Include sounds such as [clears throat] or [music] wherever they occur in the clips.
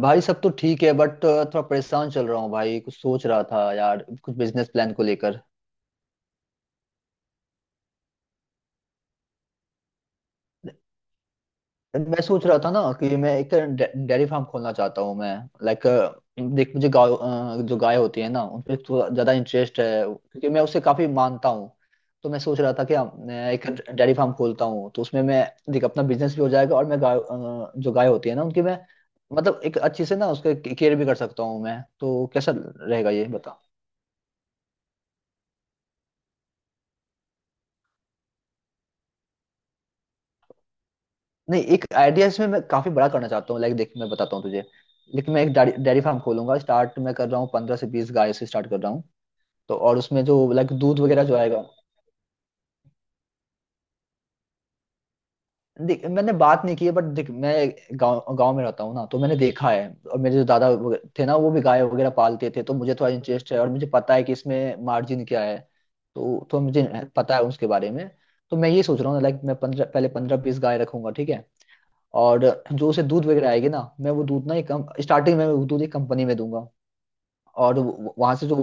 भाई सब तो ठीक है बट थोड़ा परेशान चल रहा हूँ भाई। कुछ सोच रहा था यार कुछ बिजनेस प्लान को लेकर। मैं सोच रहा था ना कि मैं एक डेयरी फार्म खोलना चाहता हूँ मैं लाइक। देख मुझे गाय जो गाय होती है ना उन पे थोड़ा ज्यादा इंटरेस्ट है क्योंकि मैं उसे काफी मानता हूँ। तो मैं सोच रहा था कि मैं एक डेयरी फार्म खोलता हूँ तो उसमें मैं देख अपना बिजनेस भी हो जाएगा और मैं गाय जो गाय होती है ना उनकी मैं मतलब एक अच्छी से ना उसके केयर भी कर सकता हूँ मैं। तो कैसा रहेगा ये बता। नहीं एक आइडिया इसमें मैं काफी बड़ा करना चाहता हूँ लाइक। देख मैं बताता हूँ तुझे लेकिन मैं एक डेयरी फार्म खोलूंगा। स्टार्ट मैं कर रहा हूँ 15 से 20 गाय से स्टार्ट कर रहा हूँ। तो और उसमें जो लाइक दूध वगैरह जो आएगा। देख मैंने बात नहीं की है बट देख मैं गांव गांव में रहता हूँ ना तो मैंने देखा है। और मेरे जो दादा वगैरह थे ना वो भी गाय वगैरह पालते थे तो मुझे थोड़ा इंटरेस्ट है और मुझे पता है कि इसमें मार्जिन क्या है। तो मुझे पता है उसके बारे में। तो मैं ये सोच रहा हूँ लाइक मैं पंद्रह पहले पंद्रह बीस गाय रखूंगा ठीक है। और जो उसे दूध वगैरह आएगी ना मैं वो दूध ना एक कम स्टार्टिंग में वो दूध एक कंपनी में दूंगा। और वहां से जो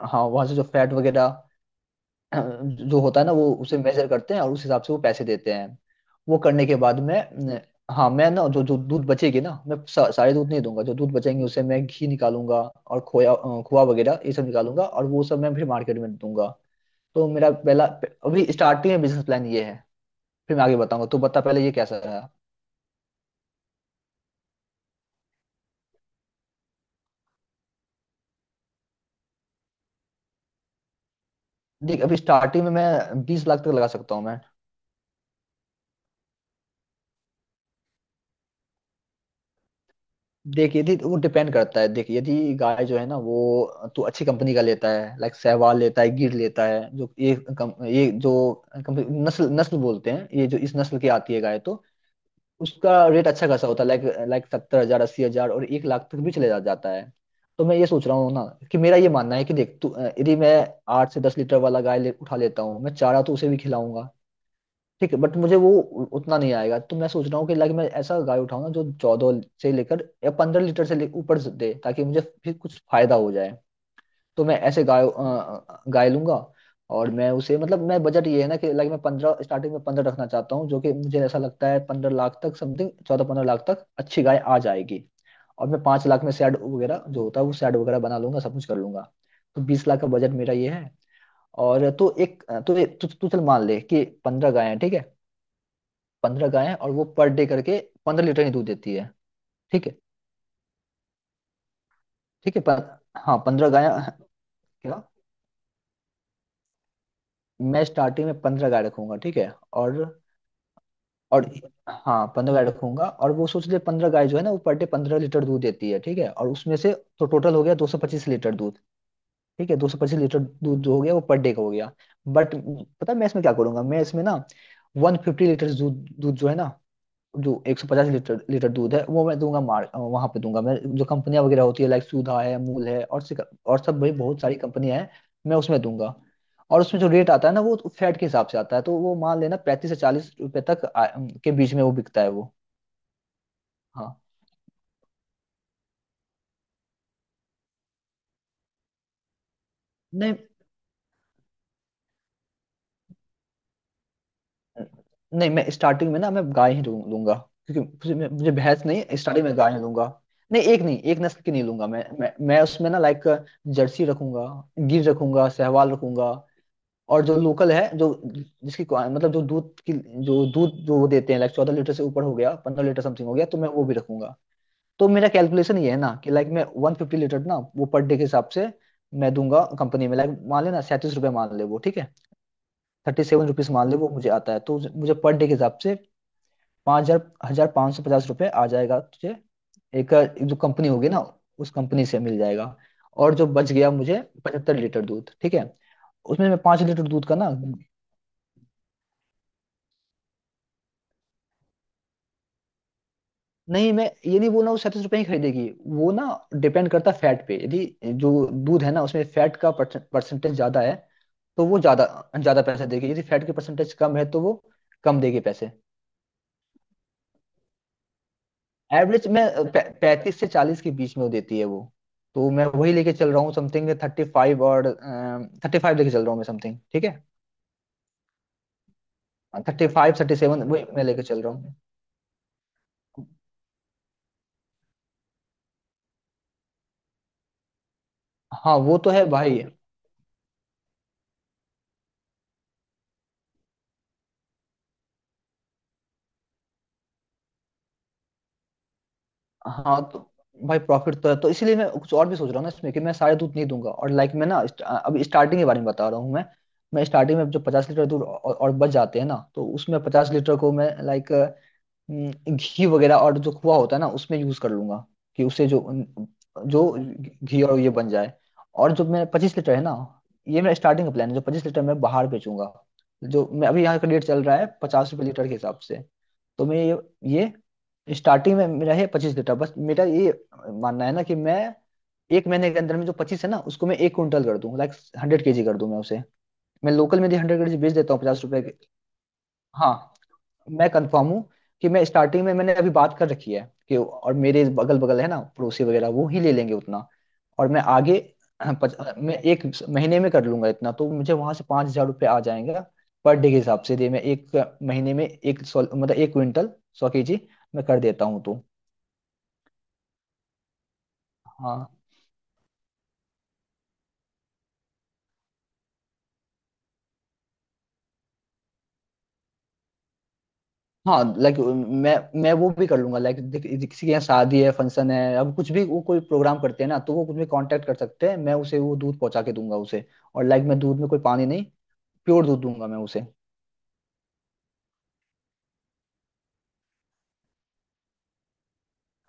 हाँ वहां से जो फैट वगैरह [clears throat] जो होता है ना वो उसे मेजर करते हैं और उस हिसाब से वो पैसे देते हैं। वो करने के बाद मैं न- हाँ मैं ना जो जो दूध बचेगी ना मैं सारे दूध नहीं दूंगा। जो दूध बचेंगे उसे मैं घी निकालूंगा और खोया खोआ वगैरह ये सब निकालूंगा और वो सब मैं फिर मार्केट में दूंगा। तो मेरा पहला अभी स्टार्टिंग में बिजनेस प्लान ये है। फिर मैं आगे बताऊंगा तो बता पहले ये कैसा रहा। देख अभी स्टार्टिंग में मैं 20 लाख तक लगा सकता हूँ मैं। देख यदि वो डिपेंड करता है। देख यदि गाय जो है ना वो तू अच्छी कंपनी का लेता है लाइक सहवाल लेता है गिर लेता है जो ये ये जो कंपनी नस्ल नस्ल बोलते हैं ये जो इस नस्ल की आती है गाय तो उसका रेट अच्छा खासा होता है लाइक लाइक 70 हजार 80 हजार और 1 लाख तक भी चले जाता है। तो मैं ये सोच रहा हूँ ना कि मेरा ये मानना है कि देख तू यदि मैं 8 से 10 लीटर वाला गाय उठा लेता हूँ मैं चारा तो उसे भी खिलाऊंगा ठीक है बट मुझे वो उतना नहीं आएगा। तो मैं सोच रहा हूँ कि लाइक मैं ऐसा गाय उठाऊँ ना जो 14 से लेकर या 15 लीटर से ऊपर से दे ताकि मुझे फिर कुछ फायदा हो जाए। तो मैं ऐसे गाय गाय लूंगा। और मैं उसे मतलब मैं बजट ये है ना कि लाइक मैं पंद्रह स्टार्टिंग में पंद्रह रखना चाहता हूँ जो कि मुझे ऐसा लगता है पंद्रह लाख तक समथिंग 14 15 लाख तक अच्छी गाय आ जाएगी। और मैं 5 लाख में शेड वगैरह जो होता है वो शेड वगैरह बना लूंगा सब कुछ कर लूंगा। तो 20 लाख का बजट मेरा ये है। और तो एक तो तू तू चल मान ले कि 15 गाय हैं ठीक है। 15 गायें हैं और वो पर डे करके 15 लीटर ही दूध देती है ठीक है। ठीक है पर हाँ 15 गायें। क्या? मैं स्टार्टिंग में 15 गाय रखूंगा ठीक है। और और हाँ पंद्रह गाय रखूंगा और वो सोच ले पंद्रह गाय जो है ना वो पर डे 15 लीटर दूध देती है ठीक है और उसमें से। तो टोटल हो गया 225 लीटर दूध। ठीक है 225 लीटर दूध जो हो गया वो पर डे का हो गया। बट पता है मैं इसमें क्या करूंगा मैं इसमें ना वन फिफ्टी लीटर दूध दूध जो है ना जो 150 लीटर लीटर दूध है वो मैं दूंगा मार वहां पे दूंगा मैं। जो कंपनियां वगैरह होती है लाइक सुधा है अमूल है और और सब भाई बहुत सारी कंपनियां हैं मैं उसमें दूंगा। और उसमें जो रेट आता है ना वो फैट के हिसाब से आता है तो वो मान लेना 35 से 40 रुपए तक के बीच में वो बिकता है वो। हाँ। नहीं नहीं मैं स्टार्टिंग में ना मैं गाय ही लूंगा क्योंकि मुझे मुझे भैंस नहीं स्टार्टिंग में गाय ही लूंगा। नहीं एक नहीं एक नस्ल की नहीं लूंगा मैं मैं उसमें ना लाइक जर्सी रखूंगा गिर रखूंगा सहवाल रखूंगा। और जो लोकल है जो जिसकी मतलब जो दूध की जो दूध जो वो देते हैं लाइक 14 लीटर से ऊपर हो गया 15 लीटर समथिंग हो गया तो मैं वो भी रखूंगा। तो मेरा कैलकुलेशन ये है ना कि लाइक मैं वन फिफ्टी लीटर ना वो पर डे के हिसाब से मैं दूंगा कंपनी में लाइक मान लेना 37 रुपये मान ले वो ठीक है। 37 रुपीज मान ले वो मुझे आता है तो मुझे पर डे के हिसाब से पाँच हजार हजार 5,550 रुपये आ जाएगा तुझे एक एक जो कंपनी होगी ना उस कंपनी से मिल जाएगा। और जो बच गया मुझे 75 लीटर दूध ठीक है। उसमें मैं 5 लीटर दूध का ना। नहीं मैं ये नहीं बोल रहा हूँ 37 रुपए ही खरीदेगी वो ना। डिपेंड करता है फैट पे। यदि जो दूध है ना उसमें फैट का परसेंटेज ज्यादा है तो वो ज्यादा ज्यादा पैसे देगी। यदि फैट की परसेंटेज कम है तो वो कम देगी पैसे। एवरेज में 35 से 40 के बीच में वो देती है वो। तो मैं वही लेके चल रहा हूँ समथिंग 35। और 35 लेके चल रहा हूँ मैं समथिंग ठीक है। 35 37 वही मैं लेके चल रहा हूँ। हाँ वो तो है भाई। हाँ तो भाई प्रॉफिट तो है तो इसीलिए मैं कुछ और भी सोच रहा हूँ ना इसमें कि मैं सारे दूध नहीं दूंगा और लाइक मैं ना अभी स्टार्टिंग के बारे में बता रहा हूँ मैं। मैं स्टार्टिंग में जो 50 लीटर दूध और बच जाते हैं ना तो उसमें 50 लीटर को मैं लाइक घी वगैरह और जो खोआ होता है ना उसमें यूज कर लूंगा कि उससे जो जो घी और ये बन जाए। और जो मेरा 25 लीटर है ना ये मेरा स्टार्टिंग का प्लान है। जो 25 लीटर मैं बाहर बेचूंगा जो मैं अभी यहाँ का रेट चल रहा है 50 रुपये लीटर के हिसाब से। तो मैं ये स्टार्टिंग में मेरा है 25 कट्ठा बस। मेरा ये मानना है ना कि मैं एक महीने के अंदर में जो पच्चीस है ना उसको मैं एक क्विंटल कर दूं लाइक 100 केजी कर दूं मैं उसे। मैं लोकल में भी 100 केजी बेच देता हूँ 50 रुपए के। हाँ मैं कंफर्म हूँ कि मैं स्टार्टिंग में मैंने अभी बात कर रखी है कि। और मेरे बगल बगल है ना पड़ोसी वगैरह वो ही ले लेंगे उतना। और मैं आगे [clears throat] हाँ, मैं एक महीने में कर लूंगा इतना तो मुझे वहां से 5,000 रुपये आ जाएगा पर डे के हिसाब से दे। मैं एक महीने में 100 मतलब एक क्विंटल 100 केजी मैं कर देता हूँ तो। हाँ हाँ लाइक मैं मैं वो भी कर लूंगा लाइक किसी के यहाँ शादी है फंक्शन है अब कुछ भी वो कोई प्रोग्राम करते हैं ना तो वो कुछ भी कांटेक्ट कर सकते हैं मैं उसे वो दूध पहुंचा के दूंगा उसे। और लाइक मैं दूध में कोई पानी नहीं प्योर दूध दूंगा मैं उसे।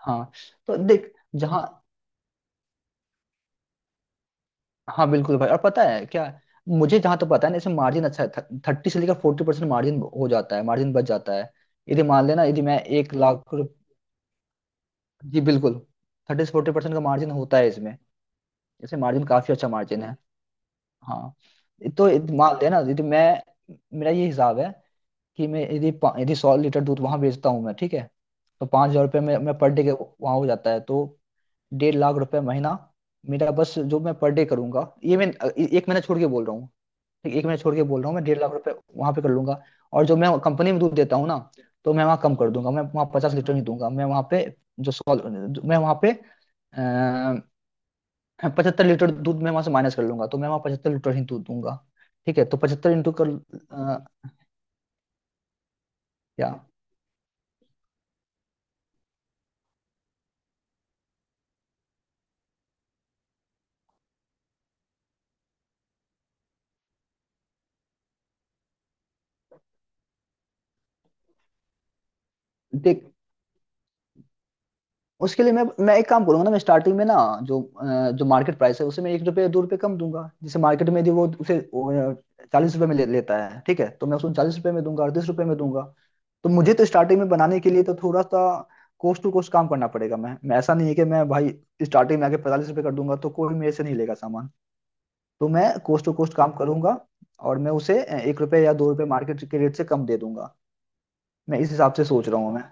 हाँ तो देख जहाँ। हाँ बिल्कुल भाई। और पता है क्या मुझे जहाँ तो पता है ना इसमें मार्जिन अच्छा है 30 से लेकर 40% मार्जिन हो जाता है मार्जिन बच जाता है। यदि मान लेना यदि मैं 1 लाख जी बिल्कुल 30 से 40% का मार्जिन होता है इसमें। इसमें मार्जिन काफी अच्छा मार्जिन है। हाँ तो मान लेना यदि मैं मेरा ये हिसाब है कि मैं यदि यदि 100 लीटर दूध वहां बेचता हूँ मैं ठीक है। तो 5,000 रुपये में मैं पर डे के वहां हो जाता है तो 1.5 लाख रुपए महीना मेरा बस जो मैं पर डे करूंगा ये मैं एक महीना छोड़ के बोल रहा हूँ। ठीक एक महीना छोड़ के बोल रहा हूँ मैं 1.5 लाख रुपए वहां पे कर लूंगा। और जो मैं कंपनी में दूध देता हूँ ना तो मैं वहाँ कम कर दूंगा। मैं वहाँ 50 लीटर नहीं दूंगा मैं वहाँ पे जो सौ मैं वहाँ पे 75 लीटर दूध मैं वहां से माइनस कर लूंगा तो मैं वहां 75 लीटर ही दूध दूंगा ठीक है। तो पचहत्तर इंटू कर अ, या। देख उसके लिए मैं एक काम करूंगा ना। मैं स्टार्टिंग में ना जो जो मार्केट प्राइस है उसे मैं एक रुपये दो रुपये कम दूंगा जैसे मार्केट में यदि वो उसे 40 रुपये में ले लेता है ठीक है तो मैं उसको 40 रुपये में दूंगा 38 रुपये में दूंगा। तो मुझे तो स्टार्टिंग में बनाने के लिए तो थोड़ा सा कोस्ट टू कोस्ट काम करना पड़ेगा। मैं ऐसा नहीं है कि मैं भाई स्टार्टिंग में आके 45 रुपये कर दूंगा तो कोई मेरे से नहीं लेगा सामान। तो मैं कोस्ट टू कोस्ट काम करूंगा और मैं उसे एक रुपये या दो रुपये मार्केट के रेट से कम दे दूंगा। मैं इस हिसाब से सोच रहा हूँ मैं।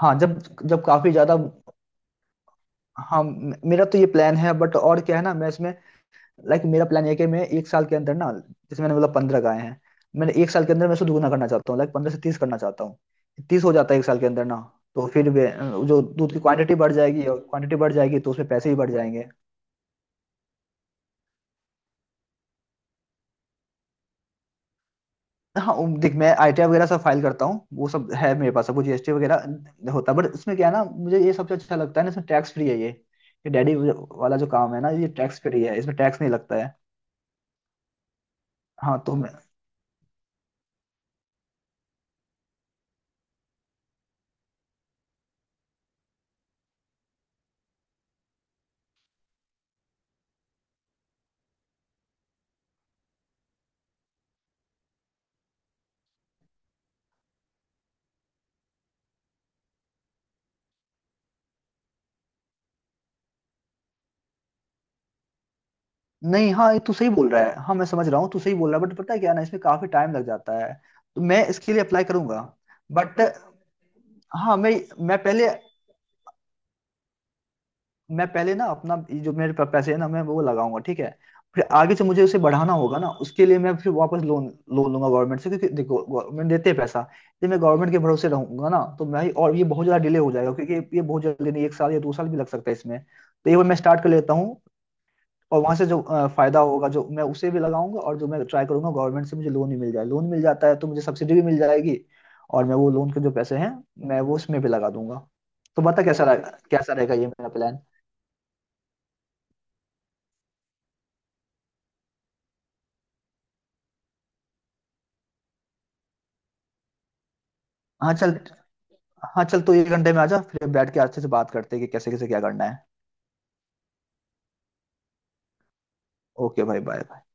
हाँ जब जब काफी ज्यादा। हाँ मेरा तो ये प्लान है बट और क्या है ना मैं इसमें लाइक मेरा प्लान है कि मैं एक साल के अंदर ना जैसे मैंने बोला पंद्रह गाय हैं। मैंने एक साल के अंदर मैं इसको दुगना करना चाहता हूँ लाइक 15 से 30 करना चाहता हूँ। 30 हो जाता है एक साल के अंदर ना तो फिर जो दूध की क्वांटिटी बढ़ जाएगी और क्वांटिटी बढ़ जाएगी तो उसमें पैसे भी बढ़ जाएंगे। हाँ देख मैं आईटीआर वगैरह सब फाइल करता हूँ वो सब है मेरे पास सब वो जीएसटी वगैरह होता है बट इसमें क्या है ना मुझे ये सबसे अच्छा लगता है ना। इसमें टैक्स फ्री है ये। ये डैडी वाला जो काम है ना ये टैक्स फ्री है इसमें टैक्स नहीं लगता है। हाँ तो मैं। नहीं हाँ ये तू सही बोल रहा है। हाँ मैं समझ रहा हूँ तू सही बोल रहा है बट पता है क्या ना इसमें काफी टाइम लग जाता है। तो मैं इसके लिए अप्लाई करूंगा बट हाँ मैं पहले मैं पहले ना अपना ये जो मेरे पास पैसे है ना मैं वो लगाऊंगा ठीक है। फिर आगे से मुझे उसे बढ़ाना होगा ना उसके लिए मैं फिर वापस लोन लोन लूंगा गवर्नमेंट से क्योंकि देखो गवर्नमेंट देते हैं पैसा। यदि मैं गवर्नमेंट के भरोसे रहूंगा ना तो मैं और ये बहुत ज्यादा डिले हो जाएगा क्योंकि ये बहुत जल्दी नहीं एक साल या 2 साल भी लग सकता है इसमें तो ये मैं स्टार्ट कर लेता हूँ। और वहां से जो फायदा होगा जो मैं उसे भी लगाऊंगा और जो मैं ट्राई करूंगा गवर्नमेंट से मुझे लोन ही मिल जाए। लोन मिल जाता है तो मुझे सब्सिडी भी मिल जाएगी। और मैं वो लोन के जो पैसे हैं मैं वो उसमें भी लगा दूंगा। तो बता कैसा रहेगा। कैसा रहेगा ये मेरा प्लान। हाँ चल। हाँ चल तू 1 घंटे में आ जा फिर बैठ के अच्छे से बात करते हैं कि कैसे कैसे क्या करना है। ओके भाई बाय।